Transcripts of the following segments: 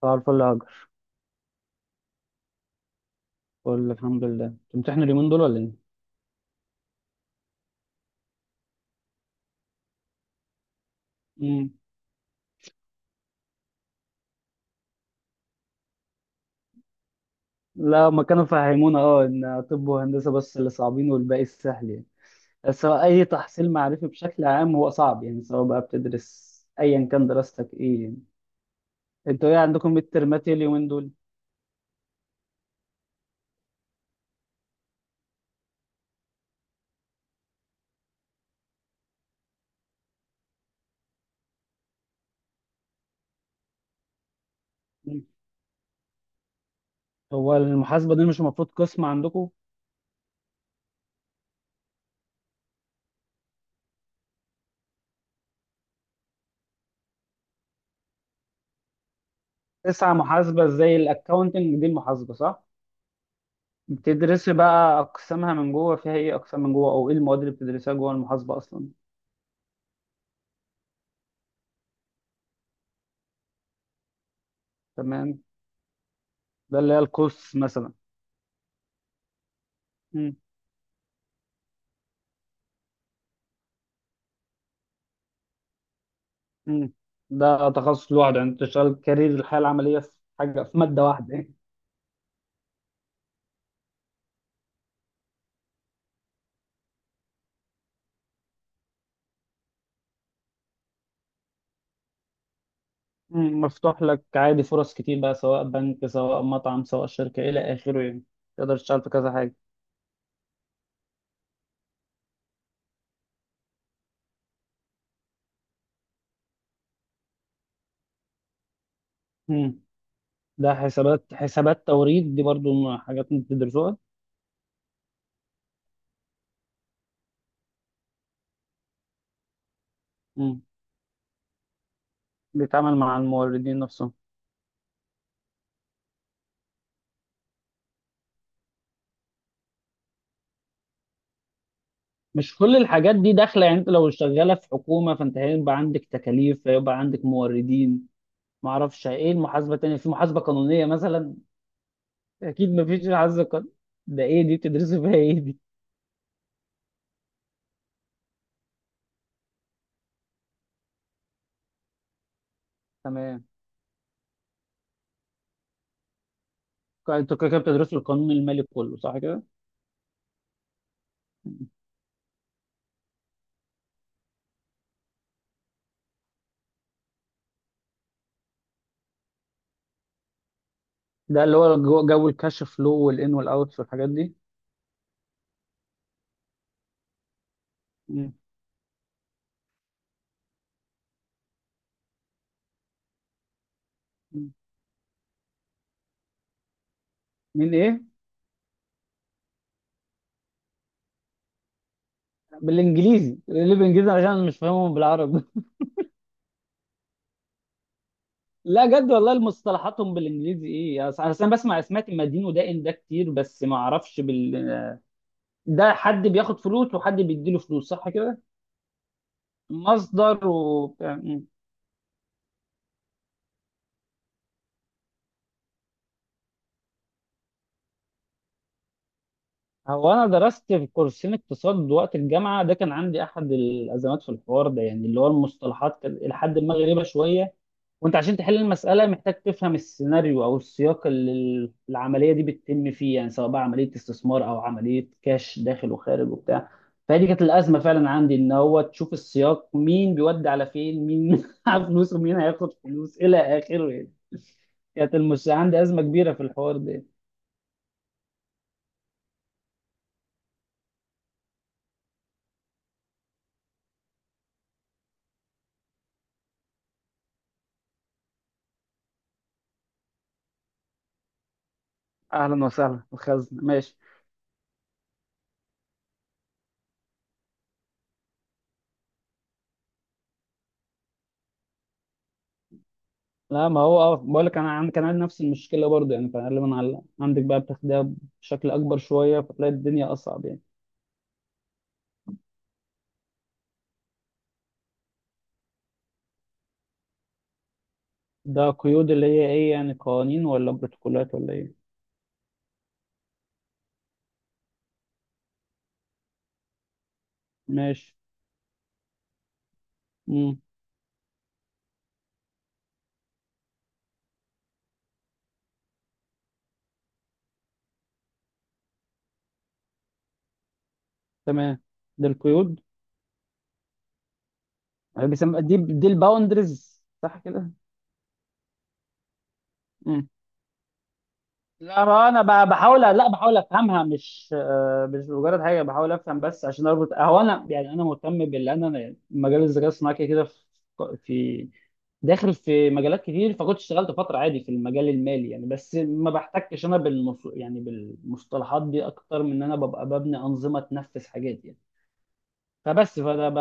صباح الفل يا هاجر. بقول لك الحمد لله، بتمتحن اليومين دول ولا ايه؟ امم لا، ما كانوا فهمونا ان طب وهندسه بس اللي صعبين والباقي السهل يعني. بس هو اي تحصيل معرفي بشكل عام هو صعب يعني، سواء بقى بتدرس ايا كان دراستك ايه يعني. انتوا ايه عندكم؟ ميد ترمات ايه اليومين دول؟ مم. هو المحاسبه دي مش المفروض قسم عندكم؟ تسعة محاسبه، زي الاكونتنج دي المحاسبه صح؟ بتدرسي بقى اقسامها من جوه، فيها ايه اقسام من جوه او ايه المواد اللي بتدرسها جوه المحاسبه اصلا؟ تمام. ده اللي هي القوس مثلا. مم. مم. ده تخصص لوحده، يعني انت تشتغل كارير الحياه العمليه في حاجه، في ماده واحده يعني. مم. مفتوح لك عادي فرص كتير بقى، سواء بنك سواء مطعم سواء شركه الى اخره يعني. تقدر تشتغل في كذا حاجه. مم. ده حسابات توريد، دي برضو حاجات انت بتدرسوها. مم. بيتعامل مع الموردين نفسهم. مش كل الحاجات دي داخله يعني؟ انت لو شغاله في حكومه فانت هيبقى عندك تكاليف، هيبقى عندك موردين. معرفش ايه المحاسبه التانيه، في محاسبه قانونيه مثلا. اكيد، مفيش عز قانون. ده ايه دي، بتدرسوا فيها ايه دي؟ تمام. انتوا كده كده بتدرسوا القانون المالي كله، صح كده؟ ده اللي هو جو الكاش فلو والان والاوت والحاجات دي. مم. مم. من ايه؟ بالانجليزي، اللي بالانجليزي عشان أنا مش فاهمهم بالعربي لا جد والله، المصطلحاتهم بالانجليزي ايه؟ اصل انا بسمع، سمعت مدين ودائن ده كتير، بس ما اعرفش بال... ده حد بياخد فلوس وحد بيديله فلوس صح كده. مصدر و... هو انا درست في كورسين اقتصاد وقت الجامعه، ده كان عندي احد الازمات في الحوار ده، يعني اللي هو المصطلحات كان الى حد ما غريبه شويه. وانت عشان تحل المساله محتاج تفهم السيناريو او السياق اللي العمليه دي بتتم فيه، يعني سواء بقى عمليه استثمار او عمليه كاش داخل وخارج وبتاع. فدي كانت الازمه فعلا عندي، ان هو تشوف السياق، مين بيودي على فين، مين معاه فلوس ومين هياخد فلوس الى اخره يعني. كانت المش عندي ازمه كبيره في الحوار ده. اهلا وسهلا الخزنه، ماشي. لا ما هو، بقول لك انا كان عندي نفس المشكله برضه يعني، فغالبا على عندك بقى بتاخدها بشكل اكبر شويه، فتلاقي الدنيا اصعب يعني. ده قيود، اللي هي ايه يعني؟ قوانين ولا بروتوكولات ولا ايه؟ ماشي. امم تمام. ده القيود. بيسمى دي الباوندرز صح كده؟ لا ما انا بحاول، لا بحاول افهمها، مش مش مجرد حاجه بحاول افهم بس عشان اربط. هو انا يعني، انا مهتم باللي انا مجال الذكاء الصناعي كده كده، في في- داخل في مجالات كتير، فكنت اشتغلت فتره عادي في المجال المالي يعني، بس ما بحتكش انا بالمص... يعني بالمصطلحات دي اكتر من ان انا ببقى ببني انظمه تنفذ حاجات يعني. فبس فده ب...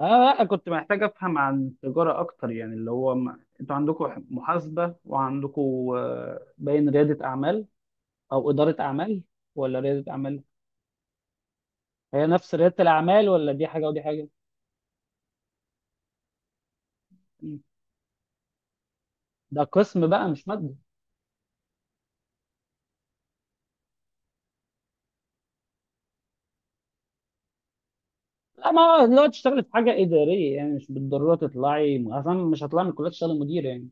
لا كنت محتاج افهم عن التجاره اكتر يعني، اللي هو ما... انتوا عندكم محاسبه وعندكم باين رياده اعمال، او اداره اعمال، ولا رياده اعمال؟ هي نفس رياده الاعمال، ولا دي حاجه ودي حاجه؟ مم. ده قسم بقى مش ماده. لا ما هو لو تشتغلي في حاجه اداريه يعني، مش بالضروره تطلعي، اصلا مش هطلع من الكليه تشتغلي مدير يعني.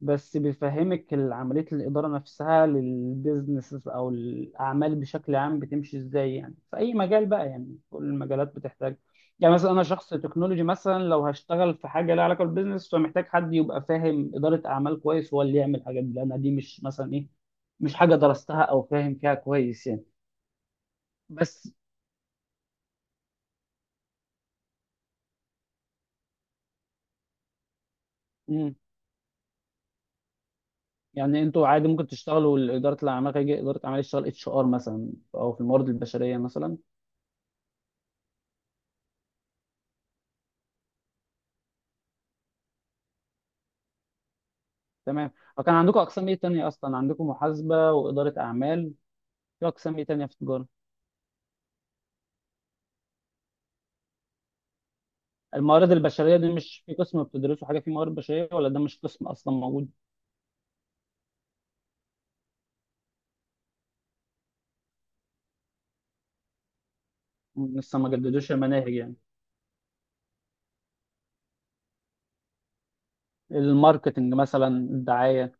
بس بيفهمك عمليه الاداره نفسها للبيزنس او الاعمال بشكل عام بتمشي ازاي يعني، في اي مجال بقى يعني، كل المجالات بتحتاج. يعني مثلا انا شخص تكنولوجي مثلا، لو هشتغل في حاجه لها علاقه بالبيزنس، فمحتاج حد يبقى فاهم اداره اعمال كويس هو اللي يعمل الحاجات دي، لان دي مش مثلا ايه، مش حاجة درستها أو فاهم فيها كويس يعني. بس مم. يعني أنتوا عادي ممكن تشتغلوا إدارة الأعمال، هيجي إدارة أعمال يشتغل اتش ار مثلا، أو في الموارد البشرية مثلا. تمام. وكان عندكم أقسام إيه تانية أصلا؟ عندكم محاسبة وإدارة أعمال، في أقسام إيه تانية في التجارة؟ الموارد البشرية دي مش في قسم، بتدرسوا حاجة في موارد بشرية، ولا ده مش قسم أصلا موجود؟ مم، لسه ما جددوش المناهج يعني. الماركتنج مثلا، الدعاية.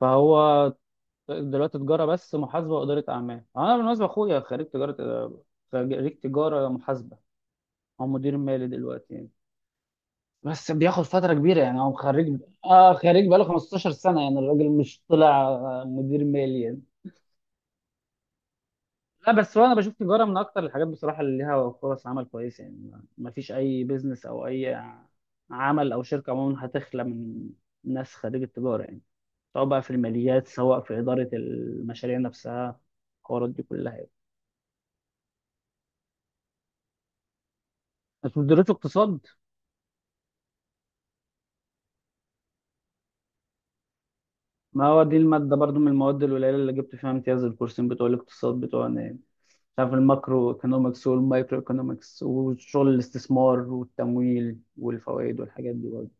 فهو دلوقتي تجاره بس محاسبه واداره اعمال. انا بالمناسبه اخويا خريج تجاره، خريج تجاره محاسبه. هو مدير مالي دلوقتي يعني. بس بياخد فتره كبيره يعني، هو خريج اه خريج بقاله 15 سنة سنه يعني، الراجل مش طلع مدير مالي يعني. لا بس هو انا بشوف تجاره من اكتر الحاجات بصراحه اللي ليها فرص عمل كويسه يعني، ما فيش اي بيزنس او اي عمل او شركه عموما هتخلى من ناس خريج التجاره يعني، سواء بقى في الماليات سواء في اداره المشاريع نفسها، الحوارات دي كلها يعني. انتوا ما بتدرسوا اقتصاد؟ ما هو دي المادة برضو من المواد القليلة اللي جبت فيها امتياز، الكورسين بتوع الاقتصاد بتوعنا، مش عارف، الماكرو ايكونومكس والمايكرو ايكونومكس، وشغل الاستثمار والتمويل والفوائد والحاجات دي برضه،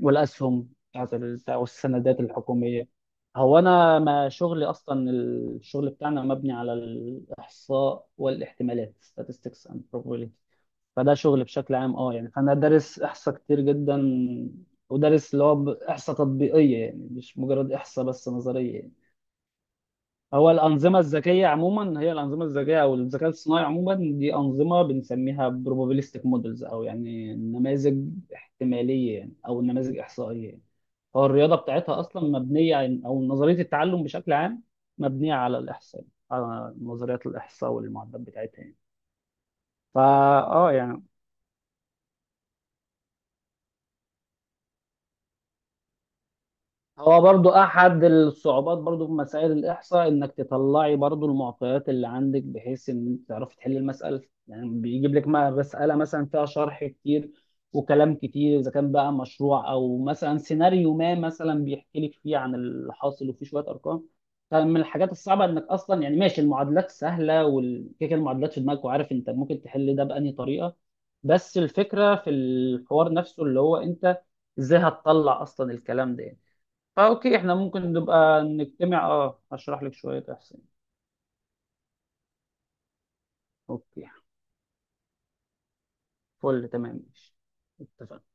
والاسهم بتاعت ال- بتاع والسندات الحكوميه. هو انا ما شغلي اصلا، الشغل بتاعنا مبني على الاحصاء والاحتمالات، statistics and probability، فده شغل بشكل عام يعني. فانا دارس احصاء كتير جدا، ودارس اللي هو احصاء تطبيقيه يعني، مش مجرد احصاء بس نظريه يعني. هو الانظمه الذكيه عموما، هي الانظمه الذكيه او الذكاء الصناعي عموما دي انظمه بنسميها probabilistic models، او يعني نماذج احتماليه يعني، او نماذج احصائيه يعني. هو الرياضه بتاعتها اصلا مبنيه او نظريه التعلم بشكل عام مبنيه على الاحصاء، على نظريات الاحصاء والمعدات بتاعتها يعني. فا اه يعني هو برضو احد الصعوبات برضو في مسائل الاحصاء، انك تطلعي برضو المعطيات اللي عندك بحيث ان تعرفي تحلي المساله. يعني بيجيب لك مساله مثلا فيها شرح كتير وكلام كتير، اذا كان بقى مشروع او مثلا سيناريو ما، مثلا بيحكي لك فيه عن اللي حاصل وفيه شويه ارقام. فمن الحاجات الصعبه انك اصلا يعني، ماشي المعادلات سهله والكيكه، المعادلات في دماغك وعارف انت ممكن تحل ده بأنهي طريقه، بس الفكره في الحوار نفسه اللي هو انت ازاي هتطلع اصلا الكلام ده يعني. فاوكي، احنا ممكن نبقى نجتمع، هشرح لك شوية احسن. اوكي، فل تمام ماشي. اتفقنا.